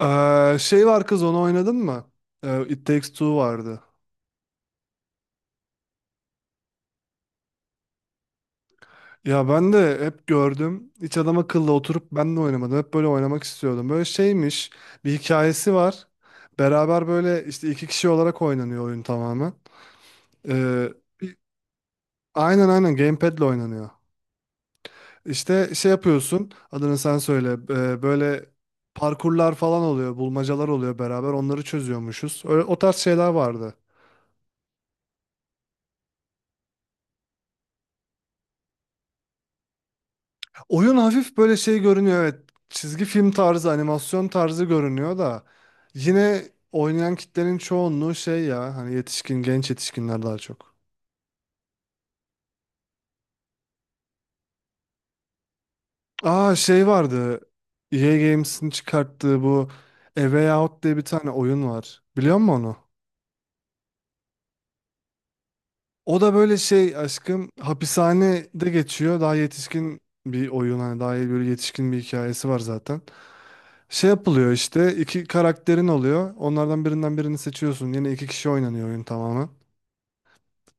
Şey var kız onu oynadın mı? It Takes Two vardı. Ya ben de hep gördüm. Hiç adam akıllı oturup ben de oynamadım. Hep böyle oynamak istiyordum. Böyle şeymiş. Bir hikayesi var. Beraber böyle işte iki kişi olarak oynanıyor oyun tamamen. Ee, bir- aynen aynen gamepad'le oynanıyor. İşte şey yapıyorsun. Adını sen söyle. Böyle parkurlar falan oluyor. Bulmacalar oluyor beraber. Onları çözüyormuşuz. Öyle, o tarz şeyler vardı. Oyun hafif böyle şey görünüyor, evet. Çizgi film tarzı, animasyon tarzı görünüyor da yine oynayan kitlenin çoğunluğu şey ya hani, yetişkin, genç yetişkinler daha çok. Aa, şey vardı. EA Games'in çıkarttığı bu A Way Out diye bir tane oyun var. Biliyor musun onu? O da böyle şey aşkım, hapishanede geçiyor. Daha yetişkin bir oyun, hani daha böyle yetişkin bir hikayesi var zaten. Şey yapılıyor işte, iki karakterin oluyor. Onlardan birinden birini seçiyorsun. Yine iki kişi oynanıyor oyun tamamen.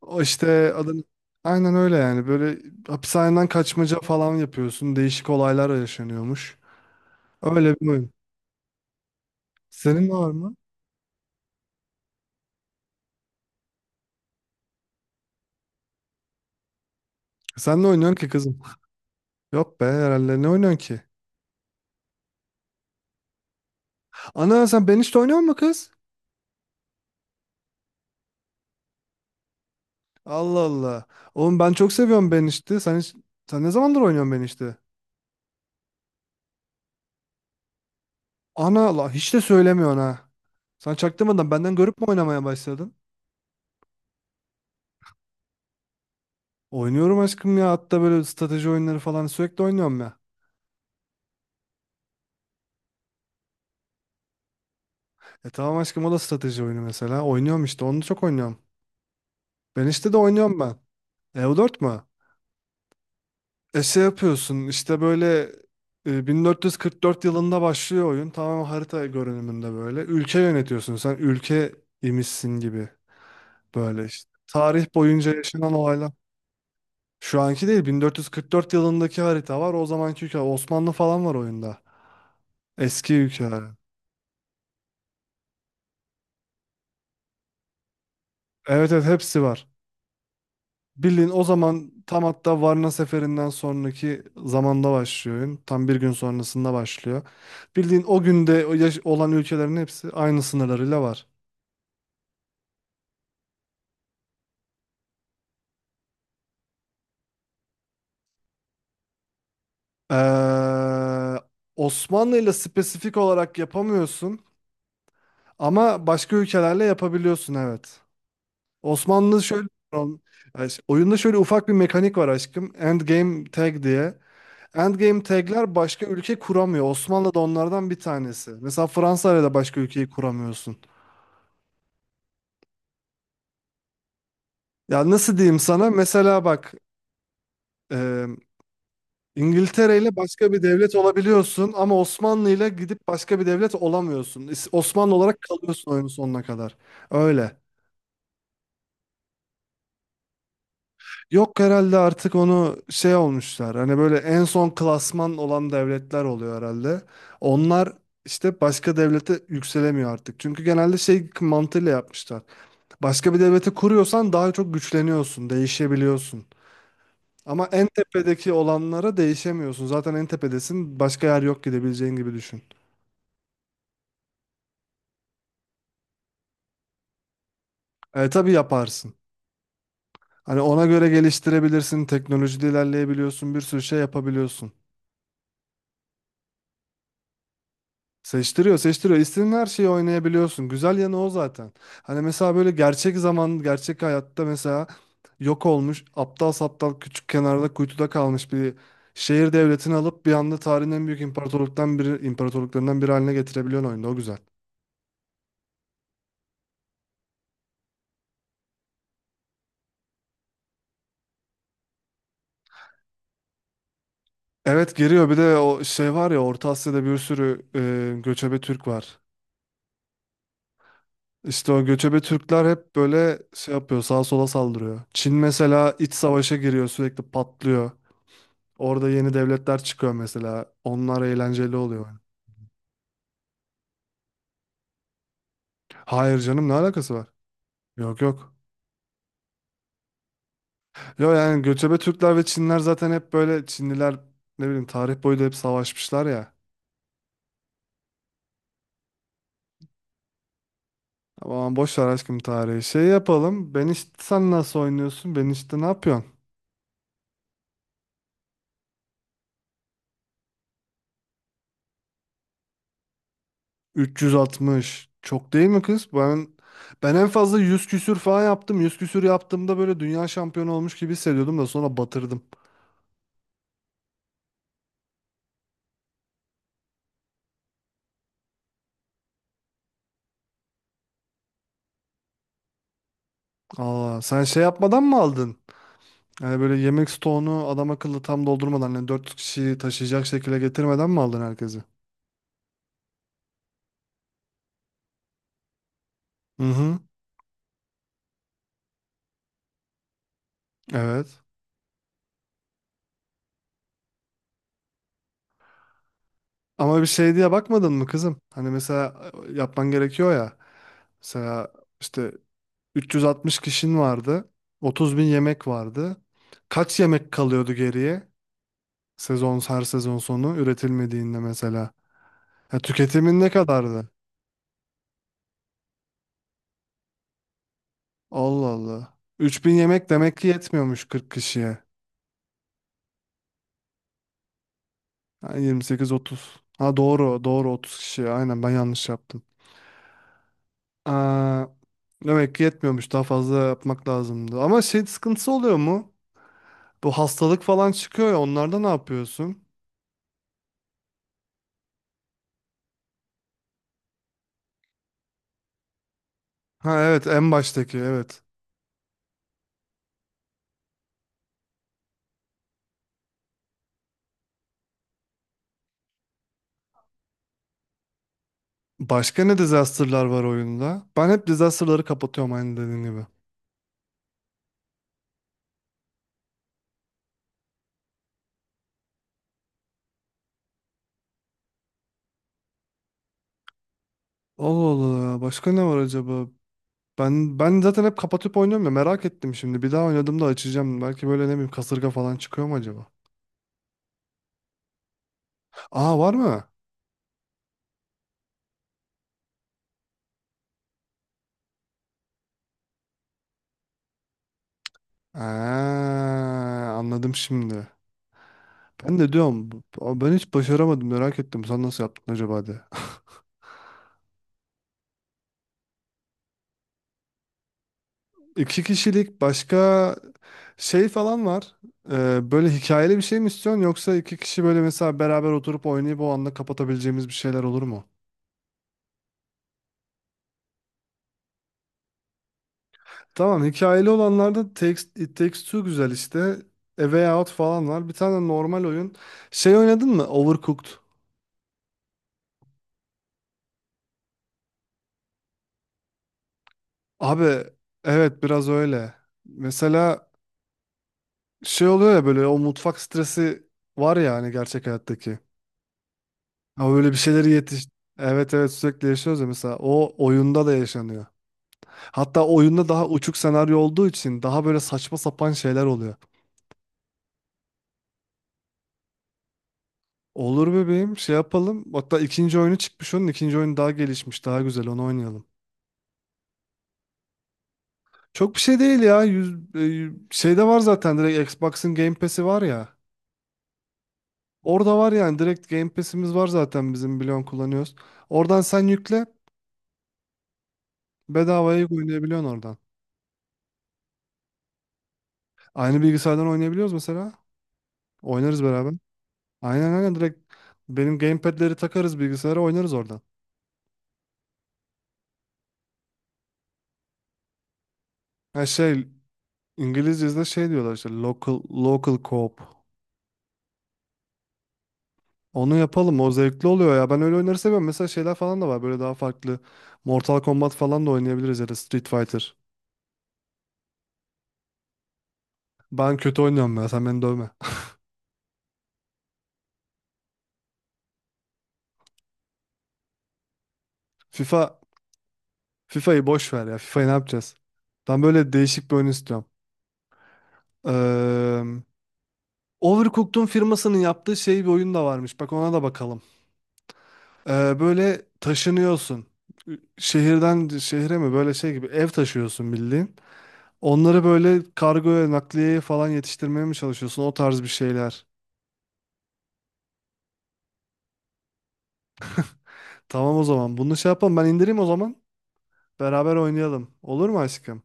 O işte adın aynen öyle yani. Böyle hapishaneden kaçmaca falan yapıyorsun. Değişik olaylar yaşanıyormuş. Öyle bir oyun. Senin var mı? Sen ne oynuyorsun ki kızım? Yok be, herhalde ne oynuyorsun ki? Ana sen Banished'de oynuyor musun kız? Allah Allah. Oğlum ben çok seviyorum Banished'i. Sen ne zamandır oynuyorsun Banished'i? Ana Allah, hiç de söylemiyorsun ha. Sen çaktırmadan benden görüp mü oynamaya başladın? Oynuyorum aşkım ya. Hatta böyle strateji oyunları falan sürekli oynuyorum ya. Tamam aşkım, o da strateji oyunu mesela. Oynuyorum işte, onu çok oynuyorum. Ben işte de oynuyorum ben. Eu dört mü? Şey yapıyorsun işte böyle, 1444 yılında başlıyor oyun. Tamamen harita görünümünde böyle. Ülke yönetiyorsun sen. Ülke imişsin gibi böyle işte. Tarih boyunca yaşanan olaylar. Şu anki değil, 1444 yılındaki harita var. O zamanki ülke Osmanlı falan var oyunda. Eski ülkeler. Evet evet, hepsi var. Bilin o zaman tam, hatta Varna seferinden sonraki zamanda başlıyor oyun. Tam bir gün sonrasında başlıyor. Bildiğin o günde olan ülkelerin hepsi aynı sınırlarıyla var. Ee, Osmanlı ile spesifik olarak yapamıyorsun ama başka ülkelerle yapabiliyorsun, evet. Osmanlı şöyle. Ay, oyunda şöyle ufak bir mekanik var aşkım. Endgame tag diye. Endgame tag'ler başka ülke kuramıyor. Osmanlı da onlardan bir tanesi. Mesela Fransa ile de başka ülkeyi kuramıyorsun. Ya nasıl diyeyim sana? Mesela bak, e, İngiltere ile başka bir devlet olabiliyorsun ama Osmanlı ile gidip başka bir devlet olamıyorsun. Osmanlı olarak kalıyorsun oyunun sonuna kadar. Öyle. Yok herhalde, artık onu şey olmuşlar. Hani böyle en son klasman olan devletler oluyor herhalde. Onlar işte başka devlete yükselemiyor artık. Çünkü genelde şey mantığıyla yapmışlar. Başka bir devleti kuruyorsan daha çok güçleniyorsun, değişebiliyorsun. Ama en tepedeki olanlara değişemiyorsun. Zaten en tepedesin. Başka yer yok, gidebileceğin gibi düşün. Tabii yaparsın. Hani ona göre geliştirebilirsin. Teknolojide ilerleyebiliyorsun. Bir sürü şey yapabiliyorsun. Seçtiriyor, seçtiriyor. İstediğin her şeyi oynayabiliyorsun. Güzel yanı o zaten. Hani mesela böyle gerçek zaman, gerçek hayatta mesela yok olmuş, aptal saptal, küçük kenarda kuytuda kalmış bir şehir devletini alıp bir anda tarihin en büyük imparatorluktan biri, imparatorluklarından biri haline getirebiliyorsun oyunda. O güzel. Evet, geliyor. Bir de o şey var ya, Orta Asya'da bir sürü göçebe Türk var. İşte o göçebe Türkler hep böyle şey yapıyor, sağa sola saldırıyor. Çin mesela iç savaşa giriyor, sürekli patlıyor. Orada yeni devletler çıkıyor mesela. Onlar eğlenceli oluyor, yani. Hayır canım, ne alakası var? Yok yok. Yo yani, göçebe Türkler ve Çinler zaten hep böyle, Çinliler ne bileyim tarih boyu da hep savaşmışlar ya. Aman boş ver aşkım, tarihi. Şey yapalım. Ben işte, sen nasıl oynuyorsun? Ben işte ne yapıyorsun? 360. Çok değil mi kız? Ben en fazla 100 küsür falan yaptım. 100 küsür yaptığımda böyle dünya şampiyonu olmuş gibi hissediyordum da sonra batırdım. Aa, sen şey yapmadan mı aldın? Yani böyle yemek stoğunu adam akıllı tam doldurmadan, yani 400 kişiyi taşıyacak şekilde getirmeden mi aldın herkesi? Hı hı. Evet. Ama bir şey diye bakmadın mı kızım? Hani mesela, yapman gerekiyor ya. Mesela işte, 360 kişin vardı. 30 bin yemek vardı. Kaç yemek kalıyordu geriye? Her sezon sonu üretilmediğinde mesela. Ya tüketimin ne kadardı? Allah Allah. 3.000 yemek demek ki yetmiyormuş 40 kişiye. Ha, 28-30. Ha, doğru doğru 30 kişiye. Aynen, ben yanlış yaptım. Aa, demek ki yetmiyormuş, daha fazla yapmak lazımdı. Ama şey sıkıntısı oluyor mu? Bu hastalık falan çıkıyor ya, onlarda ne yapıyorsun? Ha evet, en baştaki evet. Başka ne disaster'lar var oyunda? Ben hep disaster'ları kapatıyorum, aynı dediğin gibi. Allah Allah, başka ne var acaba? Ben zaten hep kapatıp oynuyorum ya, merak ettim şimdi. Bir daha oynadığımda açacağım. Belki böyle, ne bileyim, kasırga falan çıkıyor mu acaba? Aa, var mı? Aa, anladım şimdi. Ben de diyorum, ben hiç başaramadım, merak ettim. Sen nasıl yaptın acaba de. İki kişilik başka şey falan var. Böyle hikayeli bir şey mi istiyorsun, yoksa iki kişi böyle mesela beraber oturup oynayıp o anda kapatabileceğimiz bir şeyler olur mu? Tamam, hikayeli olanlarda text It Takes Two güzel işte. A Way Out falan var. Bir tane normal oyun. Şey oynadın mı? Overcooked. Abi evet, biraz öyle. Mesela şey oluyor ya böyle, o mutfak stresi var ya, hani gerçek hayattaki. Ama böyle bir şeyleri yetiş... Evet evet, sürekli yaşıyoruz ya, mesela o oyunda da yaşanıyor. Hatta oyunda daha uçuk senaryo olduğu için daha böyle saçma sapan şeyler oluyor. Olur bebeğim, şey yapalım. Hatta ikinci oyunu çıkmış onun, ikinci oyun daha gelişmiş daha güzel, onu oynayalım. Çok bir şey değil ya. Yüz, şeyde var zaten, direkt Xbox'ın Game Pass'i var ya. Orada var yani, direkt Game Pass'imiz var zaten bizim, biliyorsun, kullanıyoruz. Oradan sen yükle, bedavaya oynayabiliyorsun oradan. Aynı bilgisayardan oynayabiliyoruz mesela. Oynarız beraber. Aynen aynen, direkt benim gamepad'leri takarız bilgisayara, oynarız oradan. Ha şey, İngilizce'de şey diyorlar işte, local co-op. Onu yapalım, o zevkli oluyor ya. Ben öyle oyunları seviyorum. Mesela şeyler falan da var böyle, daha farklı. Mortal Kombat falan da oynayabiliriz ya da Street Fighter. Ben kötü oynuyorum ya. Sen beni dövme. FIFA FIFA'yı boş ver ya. FIFA'yı ne yapacağız? Ben böyle değişik bir oyun istiyorum. Eee Overcooked'un firmasının yaptığı şey bir oyun da varmış. Bak, ona da bakalım. Böyle taşınıyorsun. Şehirden şehre mi? Böyle şey gibi ev taşıyorsun bildiğin. Onları böyle kargoya, nakliyeye falan yetiştirmeye mi çalışıyorsun? O tarz bir şeyler. Tamam o zaman. Bunu şey yapalım. Ben indireyim o zaman. Beraber oynayalım. Olur mu aşkım?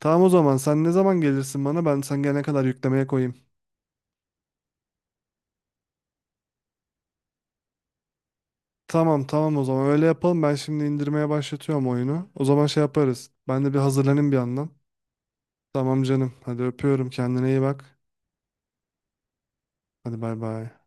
Tamam o zaman. Sen ne zaman gelirsin bana? Ben sen gelene kadar yüklemeye koyayım. Tamam tamam, o zaman öyle yapalım. Ben şimdi indirmeye başlatıyorum oyunu. O zaman şey yaparız. Ben de bir hazırlanayım bir yandan. Tamam canım. Hadi öpüyorum. Kendine iyi bak. Hadi bay bay.